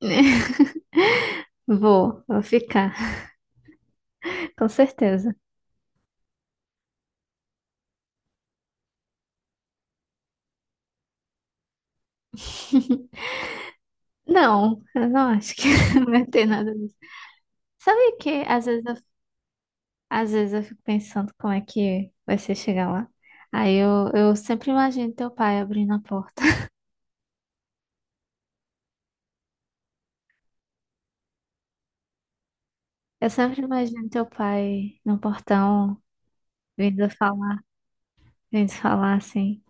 Vou ficar, com certeza. Não, eu não acho que vai ter nada disso. Sabe que às vezes eu fico pensando como é que vai ser chegar lá? Aí eu sempre imagino teu pai abrindo a porta. Eu sempre imagino teu pai no portão vindo falar, vindo falar assim.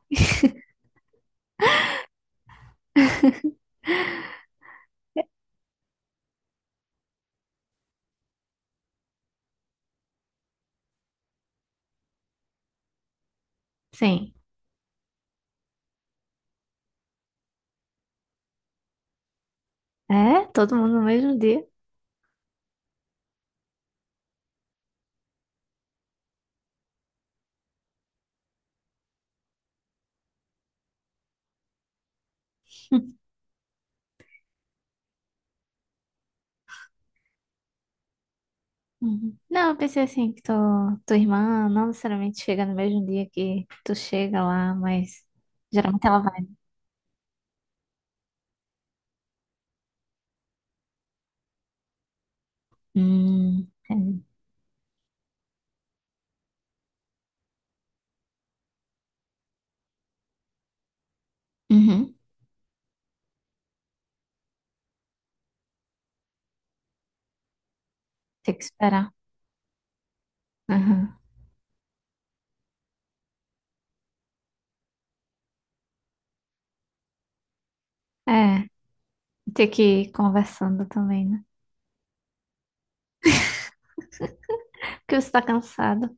Sim, é? Todo mundo no mesmo dia. Uhum. Não, eu pensei assim, tua irmã não necessariamente chega no mesmo dia que tu chega lá, mas geralmente ela vai. Entendi. Uhum. Tem que esperar. Uhum. É, tem que ir conversando também, né? Porque você tá cansado.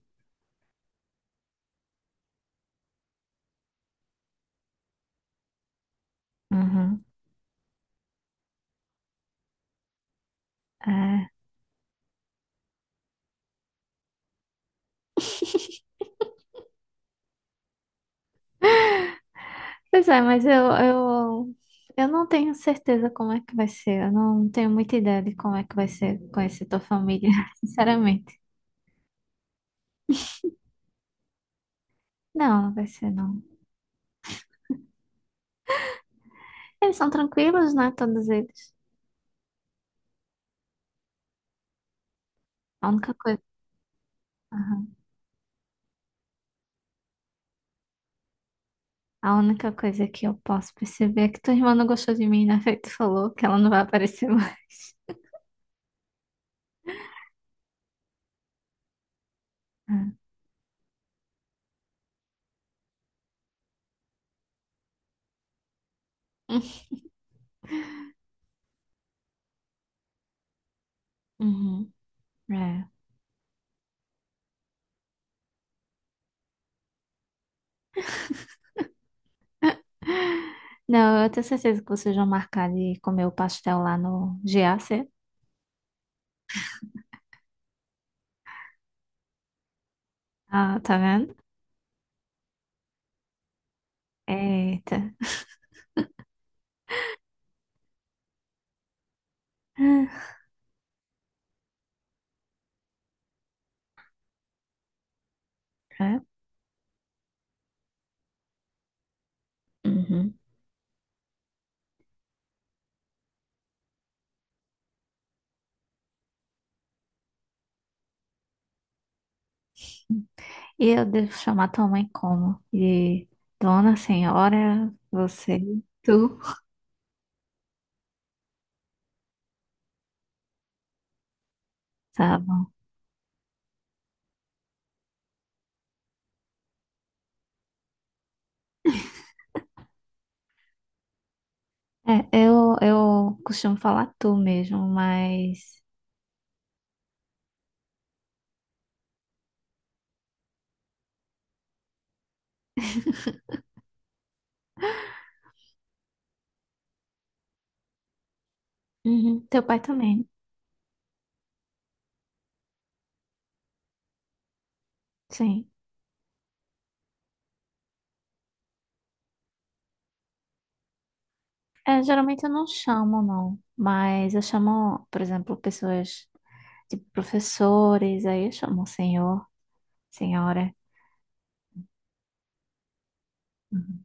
Uhum. É. Pois é, mas eu não tenho certeza como é que vai ser. Eu não tenho muita ideia de como é que vai ser conhecer tua família, sinceramente. Não, não vai ser, não. Eles são tranquilos, né? Todos eles. A única coisa. Aham. A única coisa que eu posso perceber é que tua irmã não gostou de mim, né? Feito falou que ela não vai aparecer mais. Uhum. É. Não, eu tenho certeza que vocês vão marcar de comer o pastel lá no GAC. Ah, tá vendo? Eita. Ah, É. Uhum. E eu devo chamar tua mãe como? De Dona Senhora, você, tu. Tá bom. Eu costumo falar tu mesmo, mas. Uhum, Teu pai também, sim. É, geralmente eu não chamo, não. Mas eu chamo, por exemplo, pessoas, tipo professores, aí eu chamo senhor, senhora. Uhum.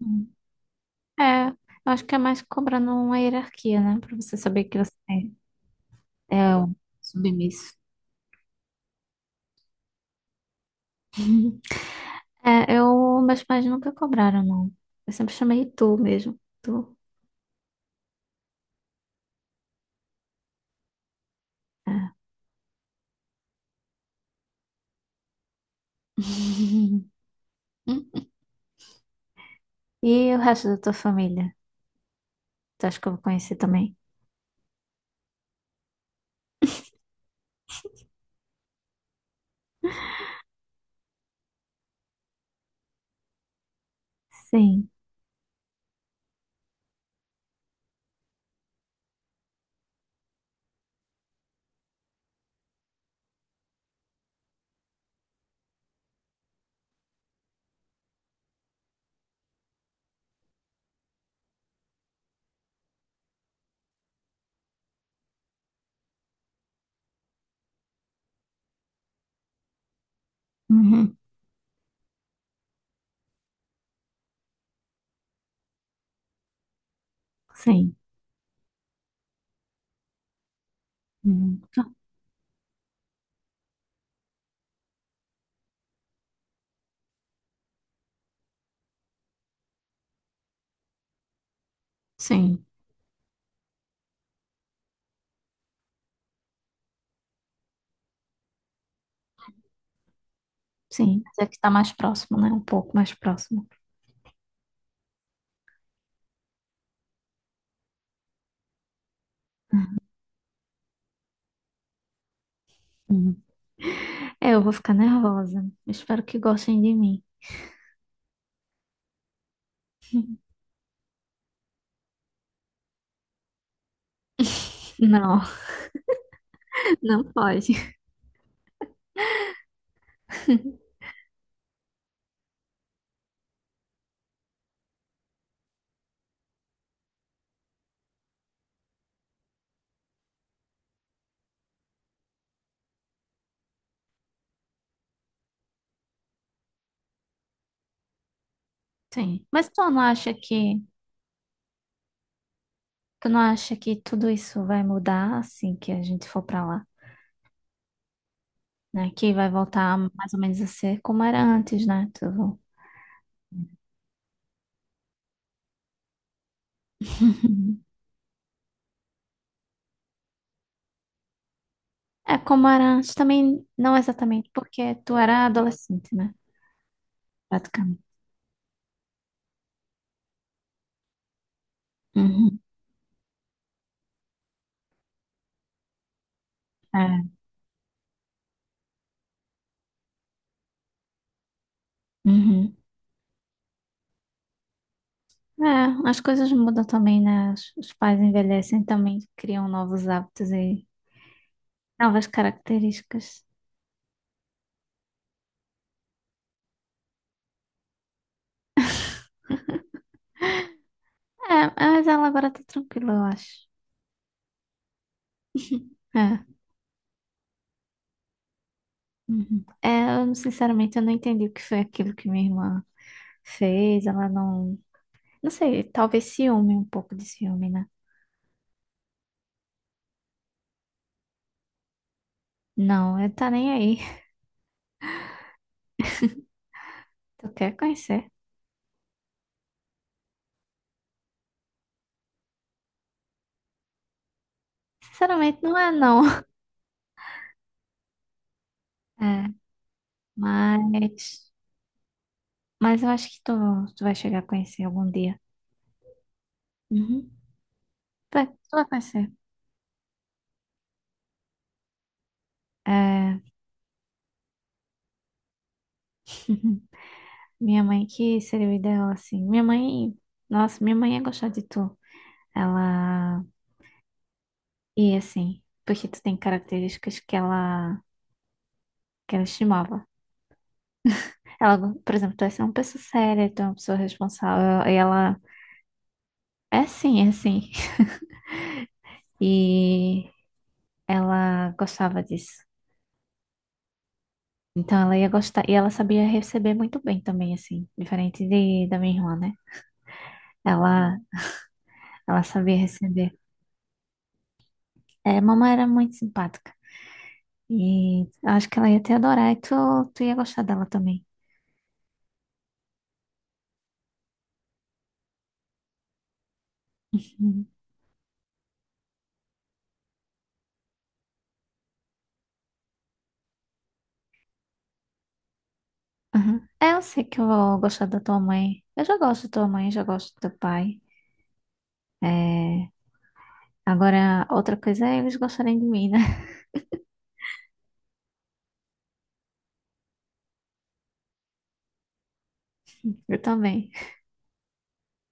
Uhum. É, eu acho que é mais cobrando uma hierarquia, né? Pra você saber que você é um submisso. É, eu, meus pais nunca cobraram, não. Eu sempre chamei tu mesmo. Tu. É. E o resto da tua família? Tu acha que eu vou conhecer também? Sim. Uhum. Sim. Uhum. Ah, sim. Sim. Mas é que tá mais próximo, né? Um pouco mais próximo. Uhum. É, eu vou ficar nervosa. Espero que gostem de mim. Não, não pode. Sim. Mas tu não acha que tudo isso vai mudar assim que a gente for pra lá, né? Que vai voltar mais ou menos a ser como era antes, né? Tudo. É, como era antes também, não exatamente, porque tu era adolescente, né? Praticamente. Uhum. É. Uhum. É, as coisas mudam também, né? Os pais envelhecem também, criam novos hábitos e novas características. É, mas ela agora tá tranquila, eu acho. É. Uhum. Sinceramente, eu não entendi o que foi aquilo que minha irmã fez. Ela não. Não sei, talvez ciúme, um pouco de ciúme, né? Não, ele tá nem aí. Tu quer conhecer? Sinceramente, não é, não. É, mas. Mas eu acho que tu vai chegar a conhecer algum dia. Uhum. Tu vai conhecer. É. Minha mãe, que seria o ideal, assim. Minha mãe. Nossa, minha mãe ia gostar de tu. Ela. E assim. Porque tu tem características que ela estimava. Ela, por exemplo, tu é uma pessoa séria, tu é uma pessoa responsável, e ela é assim. E ela gostava disso. Então ela ia gostar, e ela sabia receber muito bem também, assim, diferente de, da minha irmã, né? Ela, ela sabia receber. É, mamãe era muito simpática. E eu acho que ela ia te adorar e tu ia gostar dela também. Uhum. Uhum. É, eu sei que eu vou gostar da tua mãe. Eu já gosto da tua mãe, já gosto do teu pai. É, agora, outra coisa é eles gostarem de mim, né? Eu também.